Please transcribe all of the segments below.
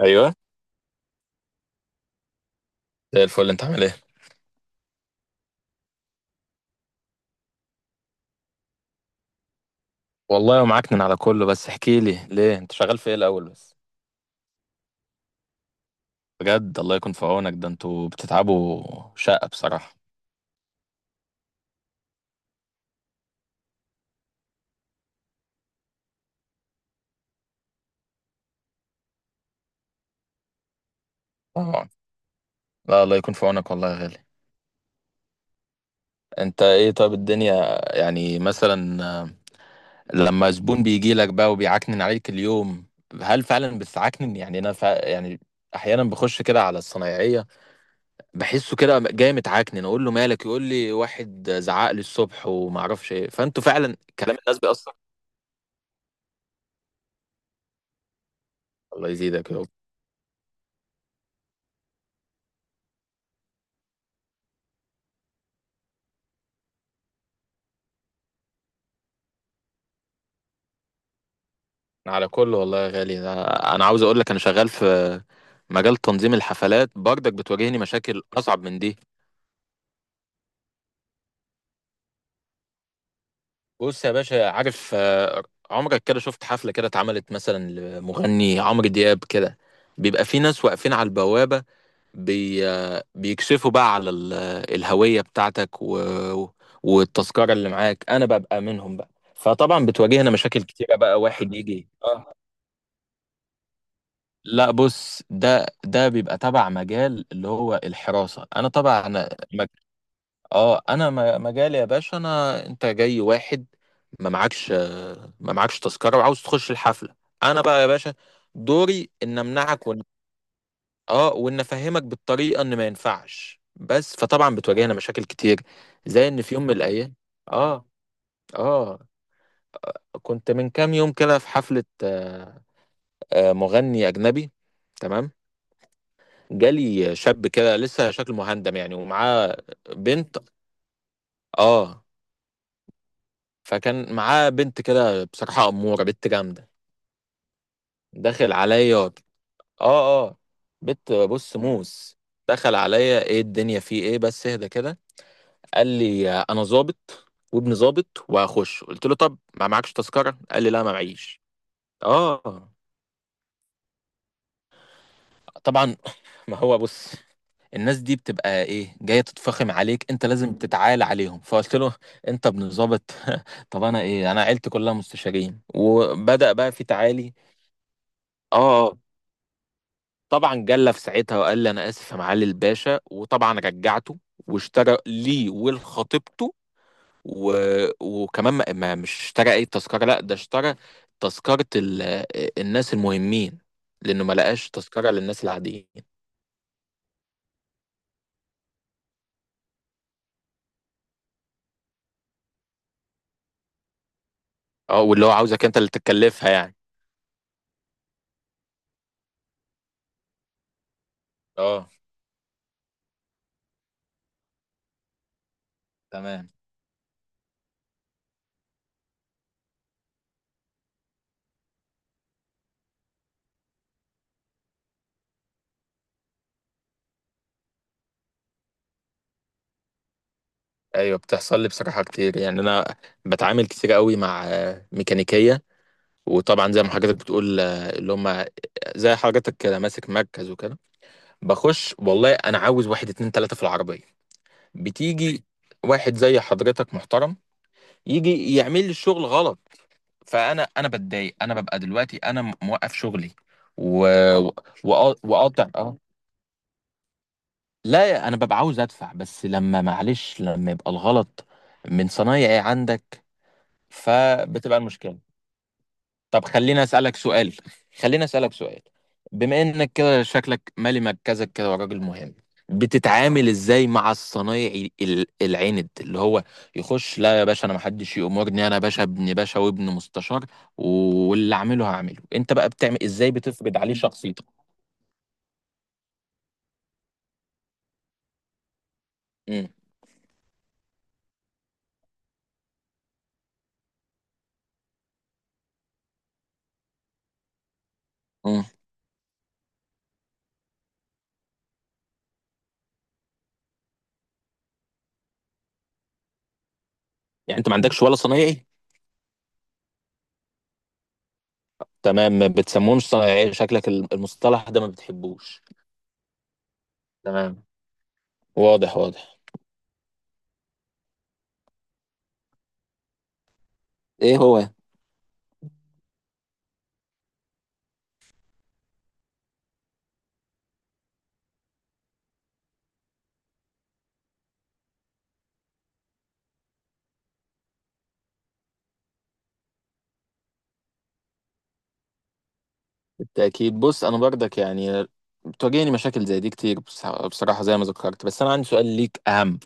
ايوه. زي الفل، انت عامل ايه؟ والله ومعكنن على كله، بس احكي لي ليه انت شغال في ايه الاول بس؟ بجد، الله يكون في عونك، ده انتوا بتتعبوا. شقة بصراحة. طبعا. لا، الله يكون في عونك والله يا غالي. انت ايه طيب الدنيا؟ يعني مثلا لما زبون بيجي لك بقى وبيعكنن عليك اليوم، هل فعلا بتعكنن؟ يعني انا يعني احيانا بخش كده على الصنايعيه، بحسه كده جاي متعكنن، اقول له مالك، يقول لي واحد زعق لي الصبح وما اعرفش ايه. فانتوا فعلا كلام الناس بيأثر. الله يزيدك. على كل والله يا غالي، انا عاوز اقول لك، انا شغال في مجال تنظيم الحفلات. برضك بتواجهني مشاكل اصعب من دي. بص يا باشا، عارف عمرك كده شفت حفلة كده اتعملت مثلا لمغني عمرو دياب كده؟ بيبقى في ناس واقفين على البوابة، بي آه، بيكشفوا بقى على الهوية بتاعتك والتذكرة اللي معاك. انا ببقى منهم بقى. فطبعا بتواجهنا مشاكل كتيرة بقى، واحد يجي. اه لا، بص، ده بيبقى تبع مجال اللي هو الحراسة. انا طبعا مج... اه انا مجالي يا باشا. انا انت جاي واحد، ما معكش ما معكش تذكرة وعاوز تخش الحفلة. انا بقى يا باشا دوري ان امنعك وان اه وان افهمك بالطريقة ان ما ينفعش، بس فطبعا بتواجهنا مشاكل كتير، زي ان في يوم من الايام. اه اه كنت من كام يوم كده في حفلة، مغني اجنبي. تمام. جالي شاب كده لسه شكله مهندم يعني ومعاه بنت. اه. فكان معاه بنت كده، بصراحة أمورة، بنت جامدة، داخل عليا اه اه بنت بص موس. دخل عليا، ايه الدنيا، في ايه، بس اهدى كده. قال لي انا ظابط وابن ظابط وهخش. قلت له طب ما معكش تذكرة؟ قال لي لا، ما معيش. اه طبعا ما هو بص، الناس دي بتبقى ايه جايه تتفخم عليك، انت لازم تتعالى عليهم. فقلت له انت ابن ظابط؟ طب انا ايه، انا عيلتي كلها مستشارين، وبدأ بقى في تعالي. اه آه. طبعا جلى في ساعتها وقال لي انا اسف يا معالي الباشا، وطبعا رجعته واشترى لي ولخطيبته و... وكمان، ما... ما مش اشترى اي تذكره، لا ده اشترى تذكره الناس المهمين، لانه ما لقاش تذكره للناس العاديين. اه واللي هو عاوزك انت اللي تتكلفها يعني. اه تمام. ايوه، بتحصل لي بصراحه كتير، يعني انا بتعامل كتير قوي مع ميكانيكيه، وطبعا زي ما حضرتك بتقول اللي هم زي حضرتك كده ماسك مركز وكده. بخش والله انا عاوز واحد اتنين تلاته في العربيه، بتيجي واحد زي حضرتك محترم يجي يعمل لي الشغل غلط. فانا بتضايق، انا ببقى دلوقتي انا موقف شغلي و... و... وقاطع. اه لا، انا ببقى عاوز ادفع، بس لما معلش، لما يبقى الغلط من صنايعي عندك فبتبقى المشكله. طب خليني اسالك سؤال، خليني اسالك سؤال: بما انك كده شكلك مالي مركزك كده وراجل مهم، بتتعامل ازاي مع الصنايعي العند اللي هو يخش لا يا باشا انا محدش يأمرني، انا باشا ابن باشا وابن مستشار، واللي اعمله هعمله؟ انت بقى بتعمل ازاي؟ بتفرض عليه شخصيتك؟ امم. امم. يعني انت ما عندكش ولا صنايعي؟ تمام، ما بتسموهمش صنايعي، شكلك المصطلح ده ما بتحبوش. تمام. واضح واضح. ايه هو؟ بالتأكيد. بص أنا برضك يعني بتواجهني مشاكل زي دي كتير. بصراحة زي ما ذكرت، بس أنا عندي سؤال ليك أهم: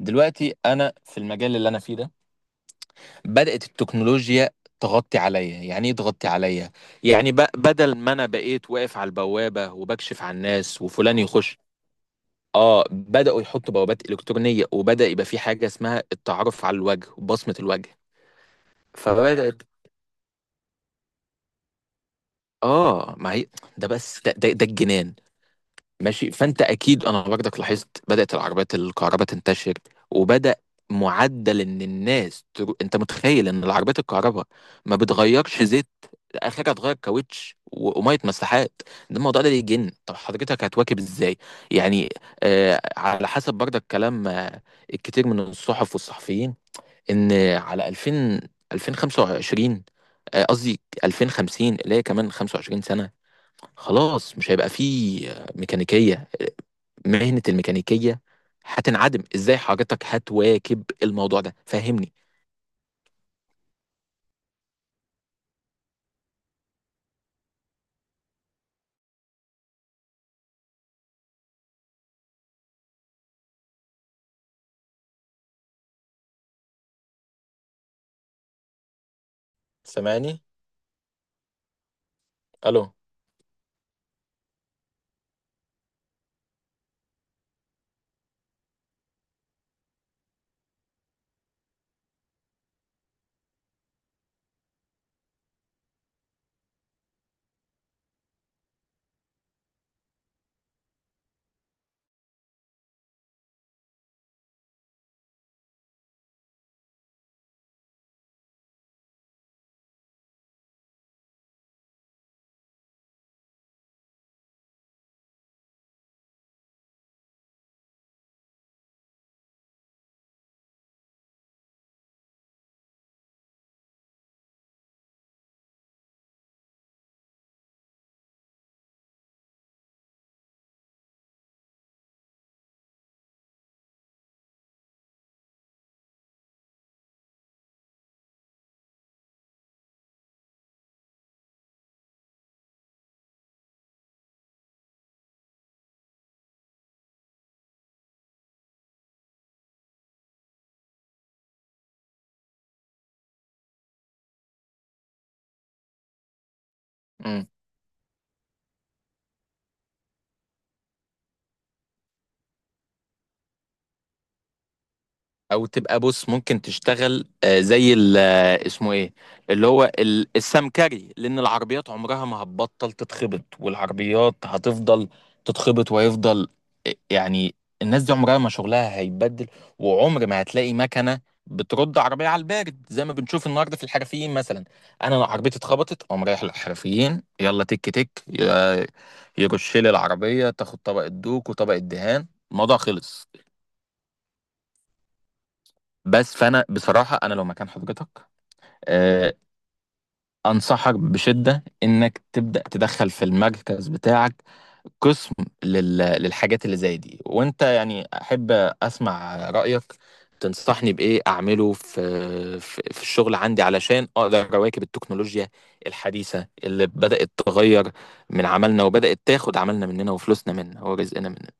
دلوقتي أنا في المجال اللي أنا فيه ده بدأت التكنولوجيا تغطي عليا. يعني إيه تغطي عليا؟ يعني بدل ما أنا بقيت واقف على البوابة وبكشف على الناس وفلان يخش، بدأوا يحطوا بوابات إلكترونية، وبدأ يبقى في حاجة اسمها التعرف على الوجه وبصمة الوجه. فبدأت. ما هي، ده بس ده الجنان. ماشي. فانت اكيد انا برضك لاحظت بدات العربيات الكهرباء تنتشر، وبدا معدل ان الناس انت متخيل ان العربيات الكهرباء ما بتغيرش زيت؟ اخرها تغير كاوتش وميه مساحات. ده الموضوع ده يجن. طب حضرتك هتواكب ازاي يعني؟ على حسب برضك كلام الكتير من الصحف والصحفيين ان على 2000، 2025، قصدي 2050، اللي هي كمان 25 سنة، خلاص مش هيبقى فيه ميكانيكية، مهنة الميكانيكية هتنعدم. ازاي حضرتك هتواكب الموضوع ده؟ فهمني. سامعني؟ الو. مم. او تبقى بص ممكن تشتغل زي اسمه ايه، اللي هو السمكري، لان العربيات عمرها ما هتبطل تتخبط، والعربيات هتفضل تتخبط ويفضل يعني الناس دي عمرها ما شغلها هيتبدل، وعمر ما هتلاقي مكنه بترد عربيه على البارد زي ما بنشوف النهارده في الحرفيين مثلا. انا لو عربيتي اتخبطت اقوم رايح للحرفيين، يلا تك تك يرش لي العربيه، تاخد طبق الدوك وطبق الدهان، الموضوع خلص. بس فانا بصراحه انا لو مكان حضرتك آه، انصحك بشده انك تبدا تدخل في المركز بتاعك قسم للحاجات اللي زي دي. وانت يعني احب اسمع رايك، تنصحني بايه اعمله في في الشغل عندي علشان اقدر اواكب التكنولوجيا الحديثه اللي بدات تغير من عملنا وبدات تاخد عملنا مننا وفلوسنا مننا ورزقنا مننا.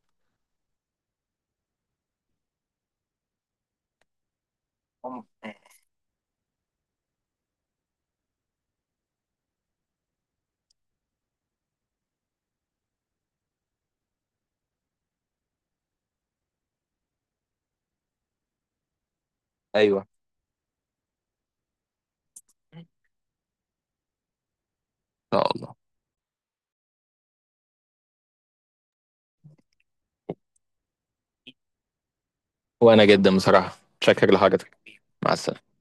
ايوه، ان شاء الله. وانا جدا بصراحه شكرا لحضرتك. مع السلامه.